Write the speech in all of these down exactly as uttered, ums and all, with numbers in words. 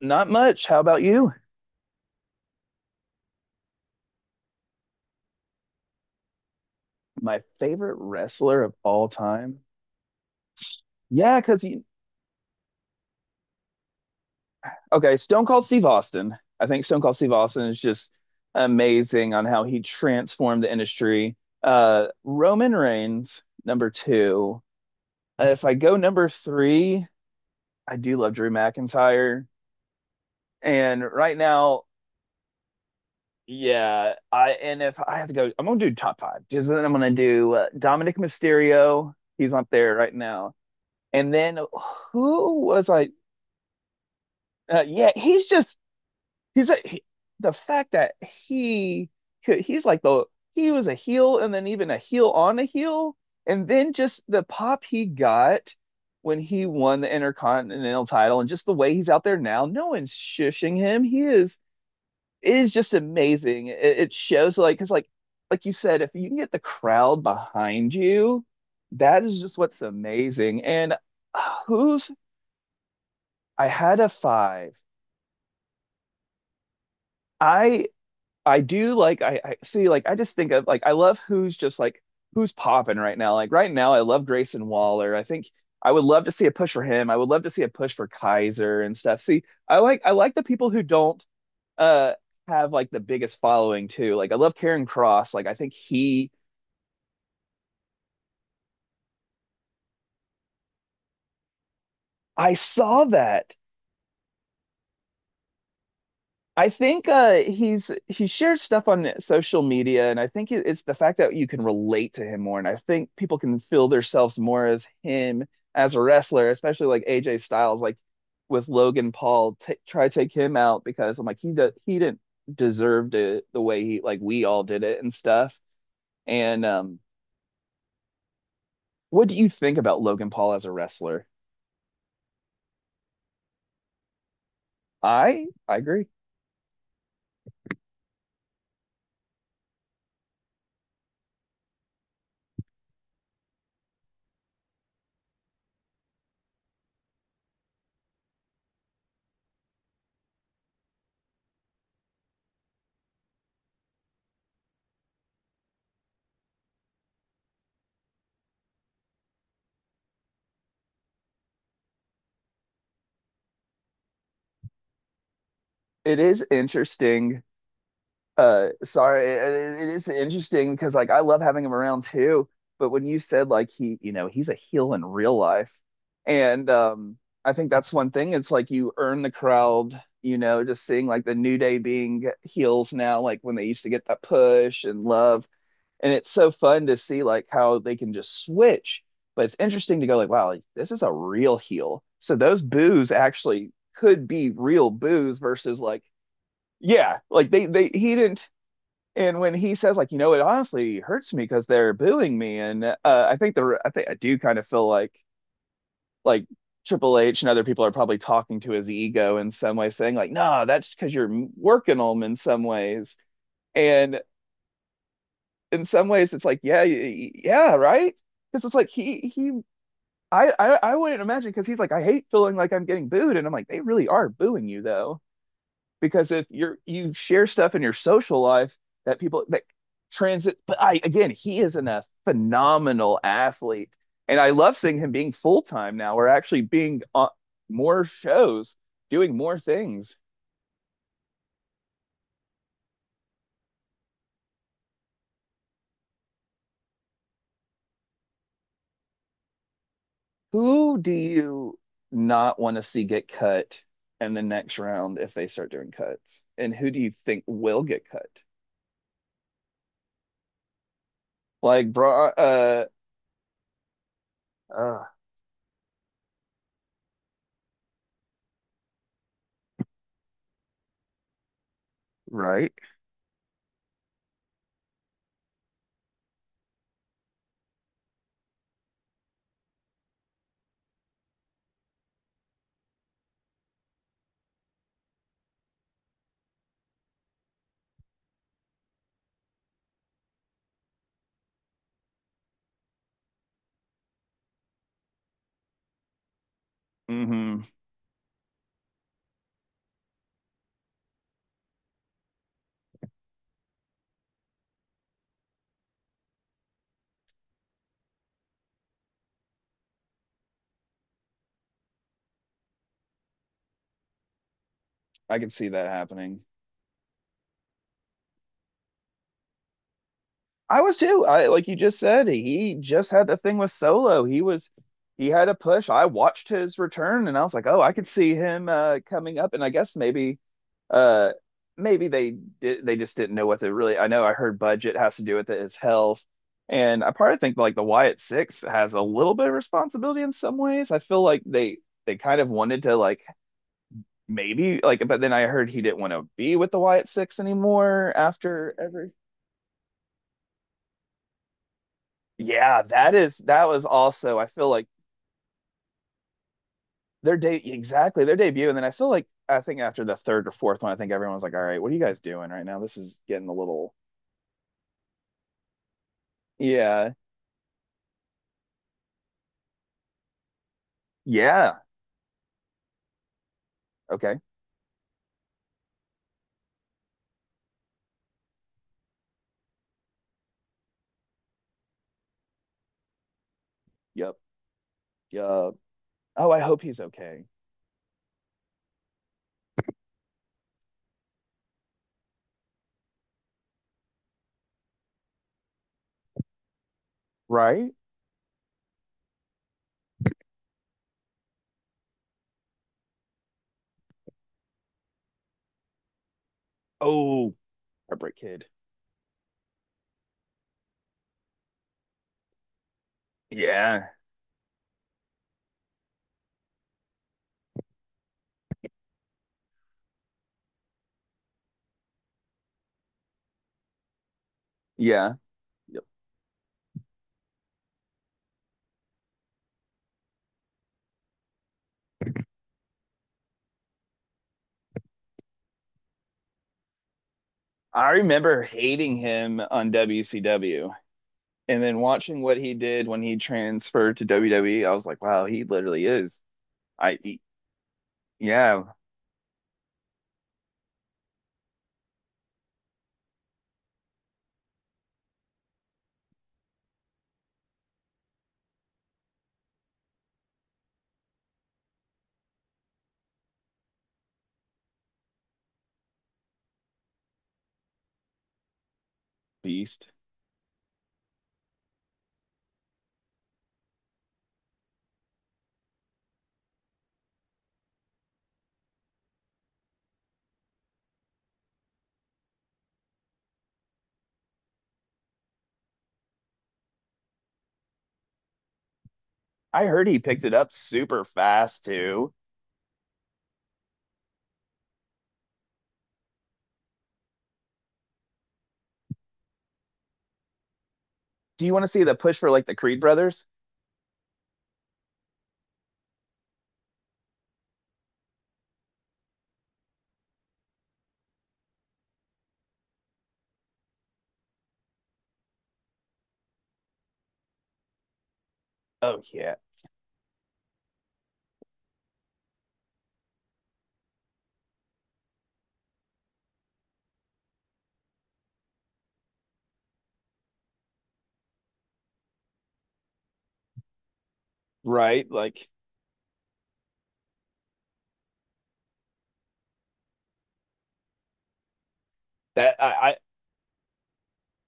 Not much. How about you? My favorite wrestler of all time? Yeah, because you, okay, Stone Cold Steve Austin. I think Stone Cold Steve Austin is just amazing on how he transformed the industry. Uh, Roman Reigns, number two. Uh, if I go number three, I do love Drew McIntyre. And right now, yeah, I and if I have to go, I'm gonna do top five. Just then I'm gonna do uh, Dominic Mysterio. He's up there right now. And then who was like, uh, yeah, he's just he's a, he- the fact that he could he's like the he was a heel and then even a heel on a heel, and then just the pop he got when he won the Intercontinental title and just the way he's out there now, no one's shushing him. He is it is just amazing. It, it shows like because like like you said, if you can get the crowd behind you, that is just what's amazing. And who's I had a five. I I do like I, I see like I just think of like I love who's just like who's popping right now. Like right now, I love Grayson Waller. I think I would love to see a push for him. I would love to see a push for Kaiser and stuff. See, I like I like the people who don't uh have like the biggest following too. Like I love Karen Cross. Like I think he I saw that. I think uh, he's he shares stuff on social media, and I think it, it's the fact that you can relate to him more, and I think people can feel themselves more as him as a wrestler, especially like A J Styles, like with Logan Paul, t try to take him out because I'm like he do he didn't deserve it the way he like we all did it and stuff. And um, What do you think about Logan Paul as a wrestler? I I agree. It is interesting Uh, sorry, it, it is interesting because like I love having him around too. But when you said like he, you know, he's a heel in real life, and um, I think that's one thing. It's like you earn the crowd, you know, just seeing like the New Day being heels now, like when they used to get that push and love, and it's so fun to see like how they can just switch. But it's interesting to go like, wow, like, this is a real heel. So those boos actually could be real boos versus like. Yeah, like they they he didn't and when he says, like, you know, it honestly hurts me because they're booing me, and uh, I think the I think I do kind of feel like like Triple H and other people are probably talking to his ego in some way, saying like, no, that's because you're working them in some ways, and in some ways it's like, yeah, yeah, right, because it's like he he I I, I wouldn't imagine because he's like, I hate feeling like I'm getting booed, and I'm like, they really are booing you though. Because if you're you share stuff in your social life that people that transit, but I again he is an, a phenomenal athlete, and I love seeing him being full time now or actually being on more shows doing more things. Who do you not want to see get cut in the next round if they start doing cuts, and who do you think will get cut? Like bra uh, uh right. Mm-hmm. I can see that happening. I was too. I like you just said, he just had the thing with Solo. He was he had a push. I watched his return and I was like, "Oh, I could see him uh coming up." And I guess maybe uh maybe they did they just didn't know what to really. I know I heard budget has to do with it, his health. And I probably think like the Wyatt Six has a little bit of responsibility in some ways. I feel like they they kind of wanted to like maybe like but then I heard he didn't want to be with the Wyatt Six anymore after every. Yeah, that is that was also I feel like their day exactly their debut, and then I feel like I think after the third or fourth one, I think everyone's like, "All right, what are you guys doing right now? This is getting a little. Yeah, yeah, okay, yep, yep. Oh, I hope he's okay, right? Oh, Heartbreak Kid. Yeah, yeah, yep. I remember hating him on W C W, and then watching what he did when he transferred to W W E. I was like, "Wow, he literally is I he, yeah, beast." I heard he picked it up super fast too. Do you want to see the push for like the Creed brothers? Oh yeah, right. Like that. I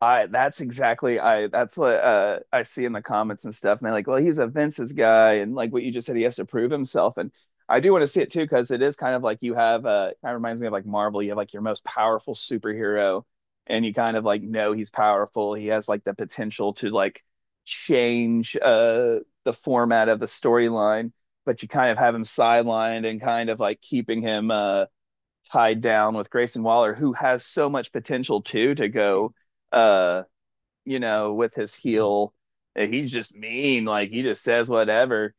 I that's exactly I that's what uh I see in the comments and stuff. And they're like, well, he's a Vince's guy, and like what you just said, he has to prove himself. And I do want to see it too, because it is kind of like you have uh kind of reminds me of like Marvel. You have like your most powerful superhero, and you kind of like know he's powerful. He has like the potential to like change uh the format of the storyline, but you kind of have him sidelined and kind of like keeping him uh tied down with Grayson Waller, who has so much potential too to go uh you know, with his heel. He's just mean, like he just says whatever.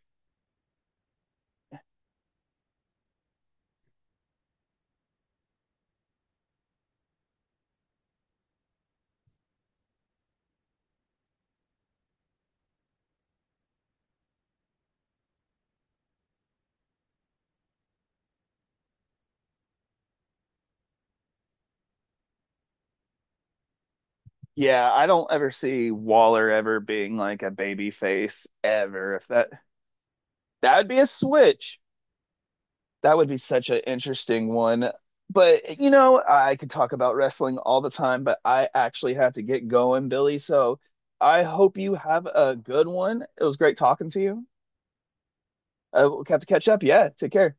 Yeah, I don't ever see Waller ever being like a baby face ever. If that That would be a switch. That would be such an interesting one. But you know, I could talk about wrestling all the time, but I actually have to get going, Billy. So I hope you have a good one. It was great talking to you. Uh, we'll have to catch up. Yeah, take care.